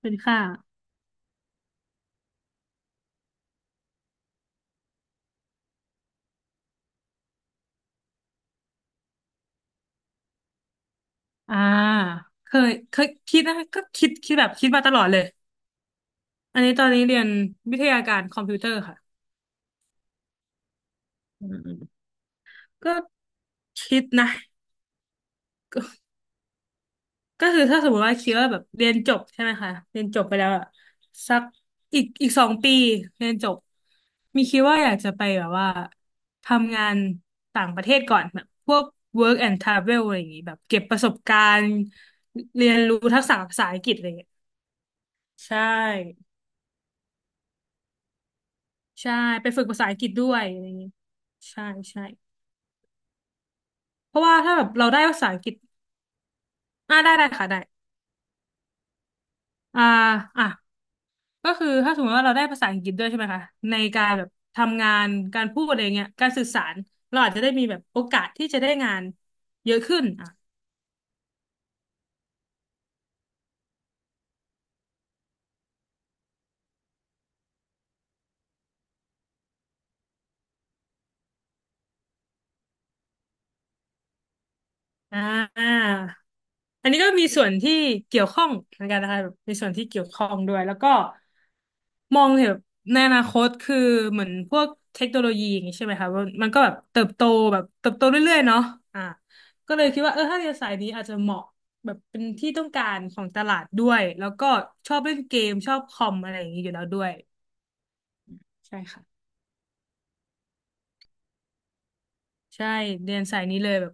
เป็นค่าอ่าเคยคิดนะก็คิดแบบคิดมาตลอดเลย อันนี้ตอนนี้เรียนวิทยาการคอมพิวเตอร์ค่ะ ก็คิดนะ ก็ก็คือถ้าสมมติว่าคิดว่าแบบเรียนจบใช่ไหมคะ เรียนจบไปแล้วอะสักอีก2 ปีเรียนจบ มีคิดว่าอยากจะไปแบบว่าทำงานต่างประเทศก่อนแบบพวก work and travel อะไรอย่างงี้แบบเก็บประสบการณ์เรียนรู้ทักษะภาษาอังกฤษอะไรอย่างเงี้ยใช่ ใช่ไปฝึกภาษาอังกฤษด้วยอะไรอย่างงี้ใช่ใช่เพราะว่าถ้าแบบเราได้ภาษาอังกฤษได้ค่ะได้อ่าอ่ะก็คือถ้าสมมติว่าเราได้ภาษาอังกฤษด้วยใช่ไหมคะในการแบบทำงานการพูดอะไรเงี้ยการสื่อสารเราอาจจะได้มีแบบโอกาสที่จะได้งานเยอะขึ้นอ่ะ อ่าอันนี้ก็มีส่วนที่เกี่ยวข้องเหมือนกันนะคะแบบมีส่วนที่เกี่ยวข้องด้วยแล้วก็มองเห็นแบบในอนาคตคือเหมือนพวกเทคโนโลยีอย่างนี้ใช่ไหมคะว่ามันก็แบบเติบโตแบบเติบโตเรื่อยๆเนาะอ่าก็เลยคิดว่าเออถ้าเรียนสายนี้อาจจะเหมาะแบบเป็นที่ต้องการของตลาดด้วย แล้วก็ชอบเล่นเกมชอบคอมอะไรอย่างนี้อยู่แล้วด้วยใช่ค่ะใช่เรียนสายนี้เลยแบบ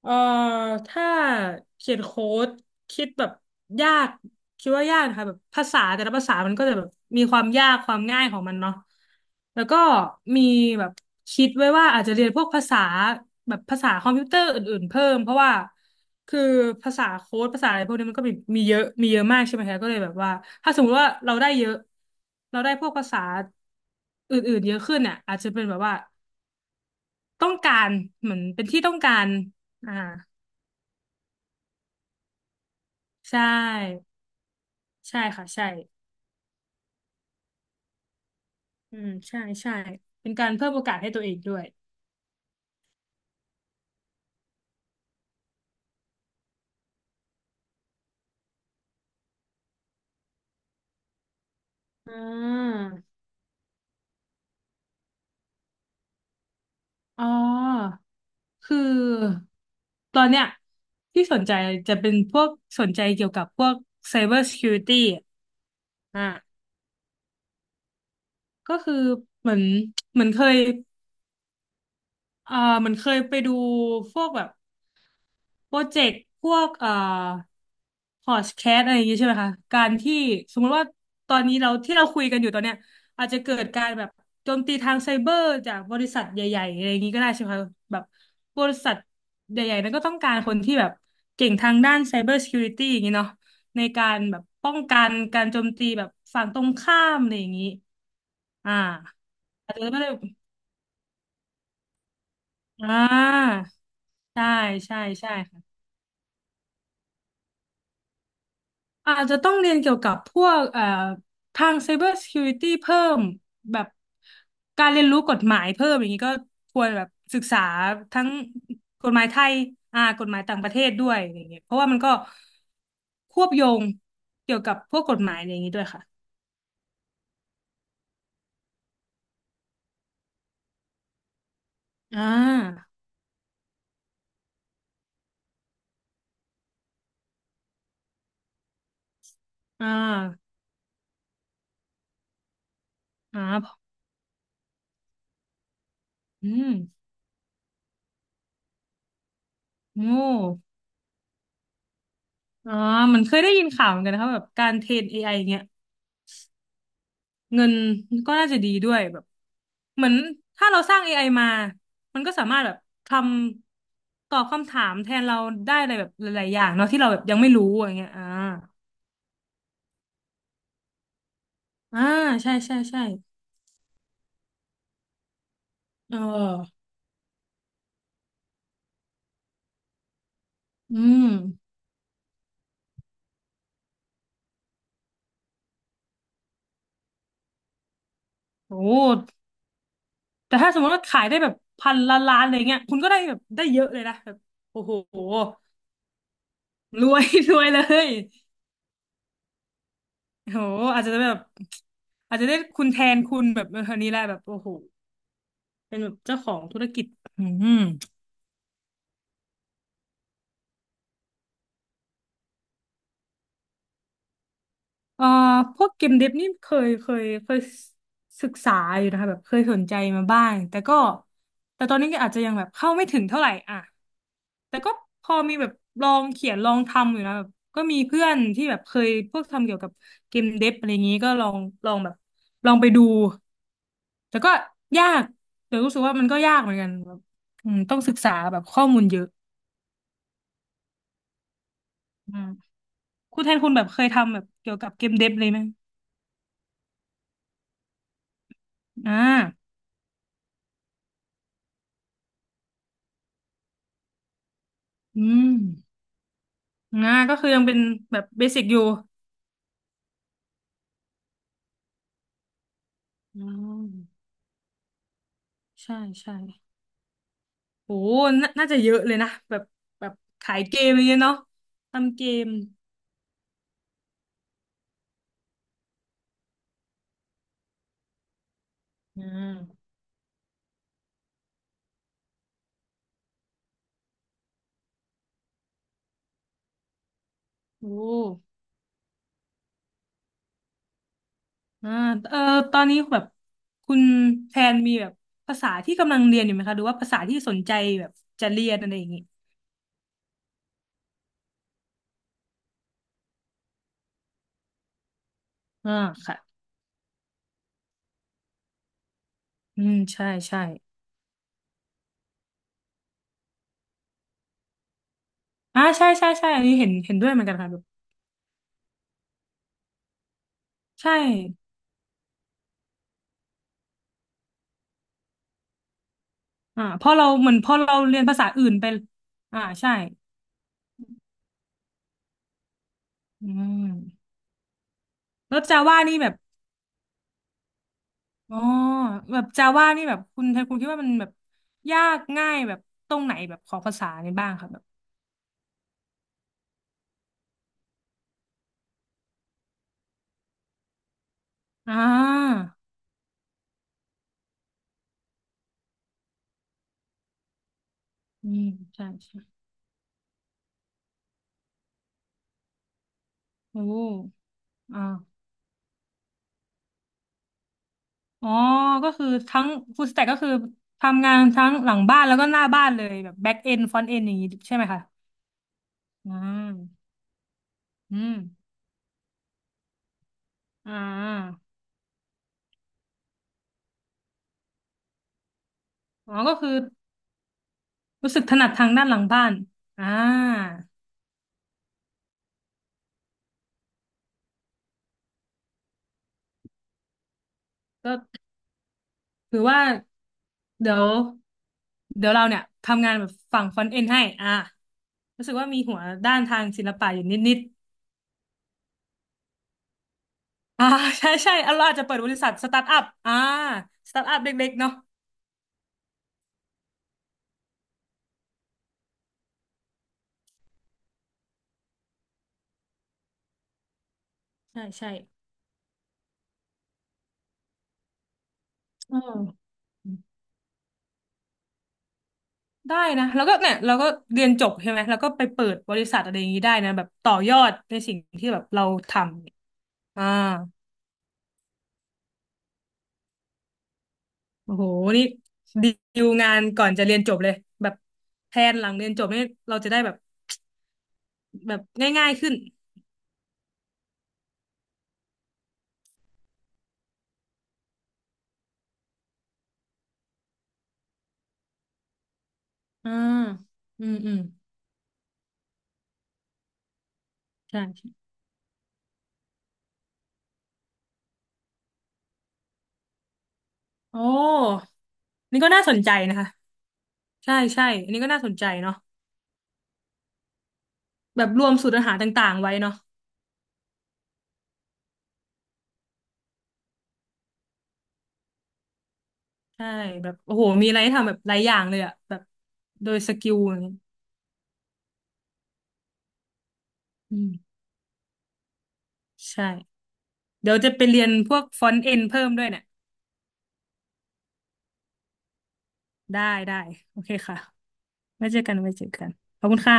เอ่อถ้าเขียนโค้ดคิดแบบยากคิดว่ายากนะคะแบบภาษาแต่ละภาษามันก็จะแบบมีความยากความง่ายของมันเนาะแล้วก็มีแบบคิดไว้ว่าอาจจะเรียนพวกภาษาแบบภาษาคอมพิวเตอร์อื่นๆเพิ่มเพราะว่าคือภาษาโค้ดภาษาอะไรพวกนี้มันก็มีเยอะมีเยอะมากใช่ไหมคะก็เลยแบบว่าถ้าสมมติว่าเราได้เยอะเราได้พวกภาษาอื่นๆเยอะขึ้นเนี่ยอาจจะเป็นแบบว่าต้องการเหมือนเป็นที่ต้องการอ่า ใช่ใช่ค่ะใช่อืมใช่ใช่เป็นการเพิ่มโอกาสให้ตัวเองด้วยอ่าอ๋อ คือตอนเนี้ยที่สนใจจะเป็นพวกสนใจเกี่ยวกับพวก Cyber Security อะอ่ะก็คือเหมือนเหมือนเคยเหมือนเคยไปดูพวกแบบ โปรเจกต์พวกพอดแคสต์อะไรอย่างงี้ใช่ไหมคะการที่สมมุติว่าตอนนี้เราที่เราคุยกันอยู่ตอนเนี้ยอาจจะเกิดการแบบโจมตีทางไซเบอร์จากบริษัทใหญ่ๆอะไรอย่างงี้ก็ได้ใช่ไหมคะแบบบริษัทใหญ่ๆนั้นก็ต้องการคนที่แบบเก่งทางด้านไซเบอร์ซิเคียวริตี้อย่างงี้เนาะในการแบบป้องกันการโจมตีแบบฝั่งตรงข้ามอะไรอย่างงี้อ่าอาจจะไม่ได้อ่าใช่ใช่ใช่ค่ะ อาจจะต้องเรียนเกี่ยวกับพวกทาง Cyber Security เพิ่มแบบการเรียนรู้กฎหมายเพิ่มอย่างนี้ก็ควรแบบศึกษาทั้งกฎหมายไทยกฎหมายต่างประเทศด้วยอย่างเงี้ยเพราะว่ามันก็ควบโยงเกี่ยวกับพวกกฎหมายอย่างนี้ด้วยค่ะอ่าอ่าอ่าอืมโอ้อ่ามันเคยได้ยินข่าวเหมือนกันนะครับแบบการเทรน AI อไออย่างเงี้ย เงินก็น่าจะดีด้วยแบบเหมือนถ้าเราสร้าง AI มา มันก็สามารถแบบทำตอบคำถามแทนเราได้อะไรแบบหลายๆอย่างเนาะที่เราแบบยังไม่รู้อย่างเงี้ยอ่าอ่าใช่ใช่ใช่เอออืมโอ้แต่ถ้าสมมติว่าขายได้แบบพันล้านล้านอะไรเงี้ยคุณก็ได้แบบได้เยอะเลยนะแบบโอ้โหรวย รวยเลยโอ้โหอาจจะแบบอาจจะได้คุณแทนคุณแบบเออคนนี้แหละแบบโอ้โหเป็นแบบเจ้าของธุรกิจอืม เอ่อพวกเกมเดฟนี่เคยเคยศึกษาอยู่นะคะแบบเคยสนใจมาบ้างแต่ก็แต่ตอนนี้ก็อาจจะยังแบบเข้าไม่ถึงเท่าไหร่อ่ะแต่ก็พอมีแบบลองเขียนลองทำอยู่นะแบบก็มีเพื่อนที่แบบเคยพวกทำเกี่ยวกับเกมเดฟอะไรอย่างนี้ก็ลองแบบลองไปดูแต่ก็ยากแต่รู้สึกว่ามันก็ยากเหมือนกันแบบอืมต้องศึกษาแบบข้อมูลเยอะอืมคุณแทนคุณแบบเคยทำแบบเกี่ยวกับเกมเดฟเลยไหมอ่าอืม นะก็คือยังเป็นแบบเบสิกอยู่อืมใช่ใช่โอ้นาน่าจะเยอะเลยนะแบบแบบขายเกมอะไรเงี้ยเนาะทำเกมอ่าโอ้อ่าเออตอนนี้แบบคุณแพนมีแบบภาษาที่กำลังเรียนอยู่ไหมคะหรือว่าภาษาที่สนใจแบบจะเรียนอะไรอย่างงี้อ่าค่ะอืมใช่ใช่อ่าใช่ใช่ใช่อันนี้เห็นเห็นด้วยเหมือนกันค่ะแบบใช่พอเราเหมือนพอเราเรียนภาษาอื่นไปใช่อืมแล้วจาว่านี่แบบ อ๋อแบบจาว่านี่แบบคุณไทยคุณคิดว่ามันแบบยากง่ายแบบตรงไหนแบบของภาษานี่บ้างครับแบบอ่าอืมใช่ใช่โอ้อ่าอ๋อก็คือทั้งฟูลสแต็กก็คือทำงานทั้งหลังบ้านแล้วก็หน้าบ้านเลยแบบแบ็กเอนฟรอนต์เอนอย่างนี้ใช่ไหมคะอ่าอืมอ่าอ๋อก็คือรู้สึกถนัดทางด้านหลังบ้านอ่าก็ถือว่า เดี๋ยวเดี๋ยวเราเนี่ยทำงานแบบฝั่งฟอนต์เอ็นให้อ่ะรู้สึกว่ามีหัวด้านทางศิลปะอยู่นิดๆ ใช่ใช่เอาเราอาจจะเปิดบริษัทสตาร์ทอัพสตาร์ทอัพเล็กๆเนาะใช่ใช่เอได้นะแล้วก็เนี่ยเราก็เรียนจบใช่ไหมแล้วก็ไปเปิดบริษัทอะไรอย่างนี้ได้นะแบบต่อยอดในสิ่งที่แบบเราทำโอ้โหนี่ดีลงานก่อนจะเรียนจบเลยแบบแพลนหลังเรียนจบนี่เราจะได้แบบแบบง่ายๆขึ้น อ่าอืมอืมใช่ใช่โอ้นี่ก็น่าสนใจนะคะ ใช่ใช่อันนี้ก็น่าสนใจเนาะแบบรวมสูตรอาหารต่างๆไว้เนาะใช่แบบโอ้โหมีอะไรให้ทำแบบหลายอย่างเลยอะแบบโดยสกิลอย่างเงี้ยอืมใช่เดี๋ยวจะไปเรียนพวกฟอนต์เอ็นเพิ่มด้วยเนี่ยได้ได้โอเคค่ะไว้เจอกันไว้เจอกันขอบคุณค่ะ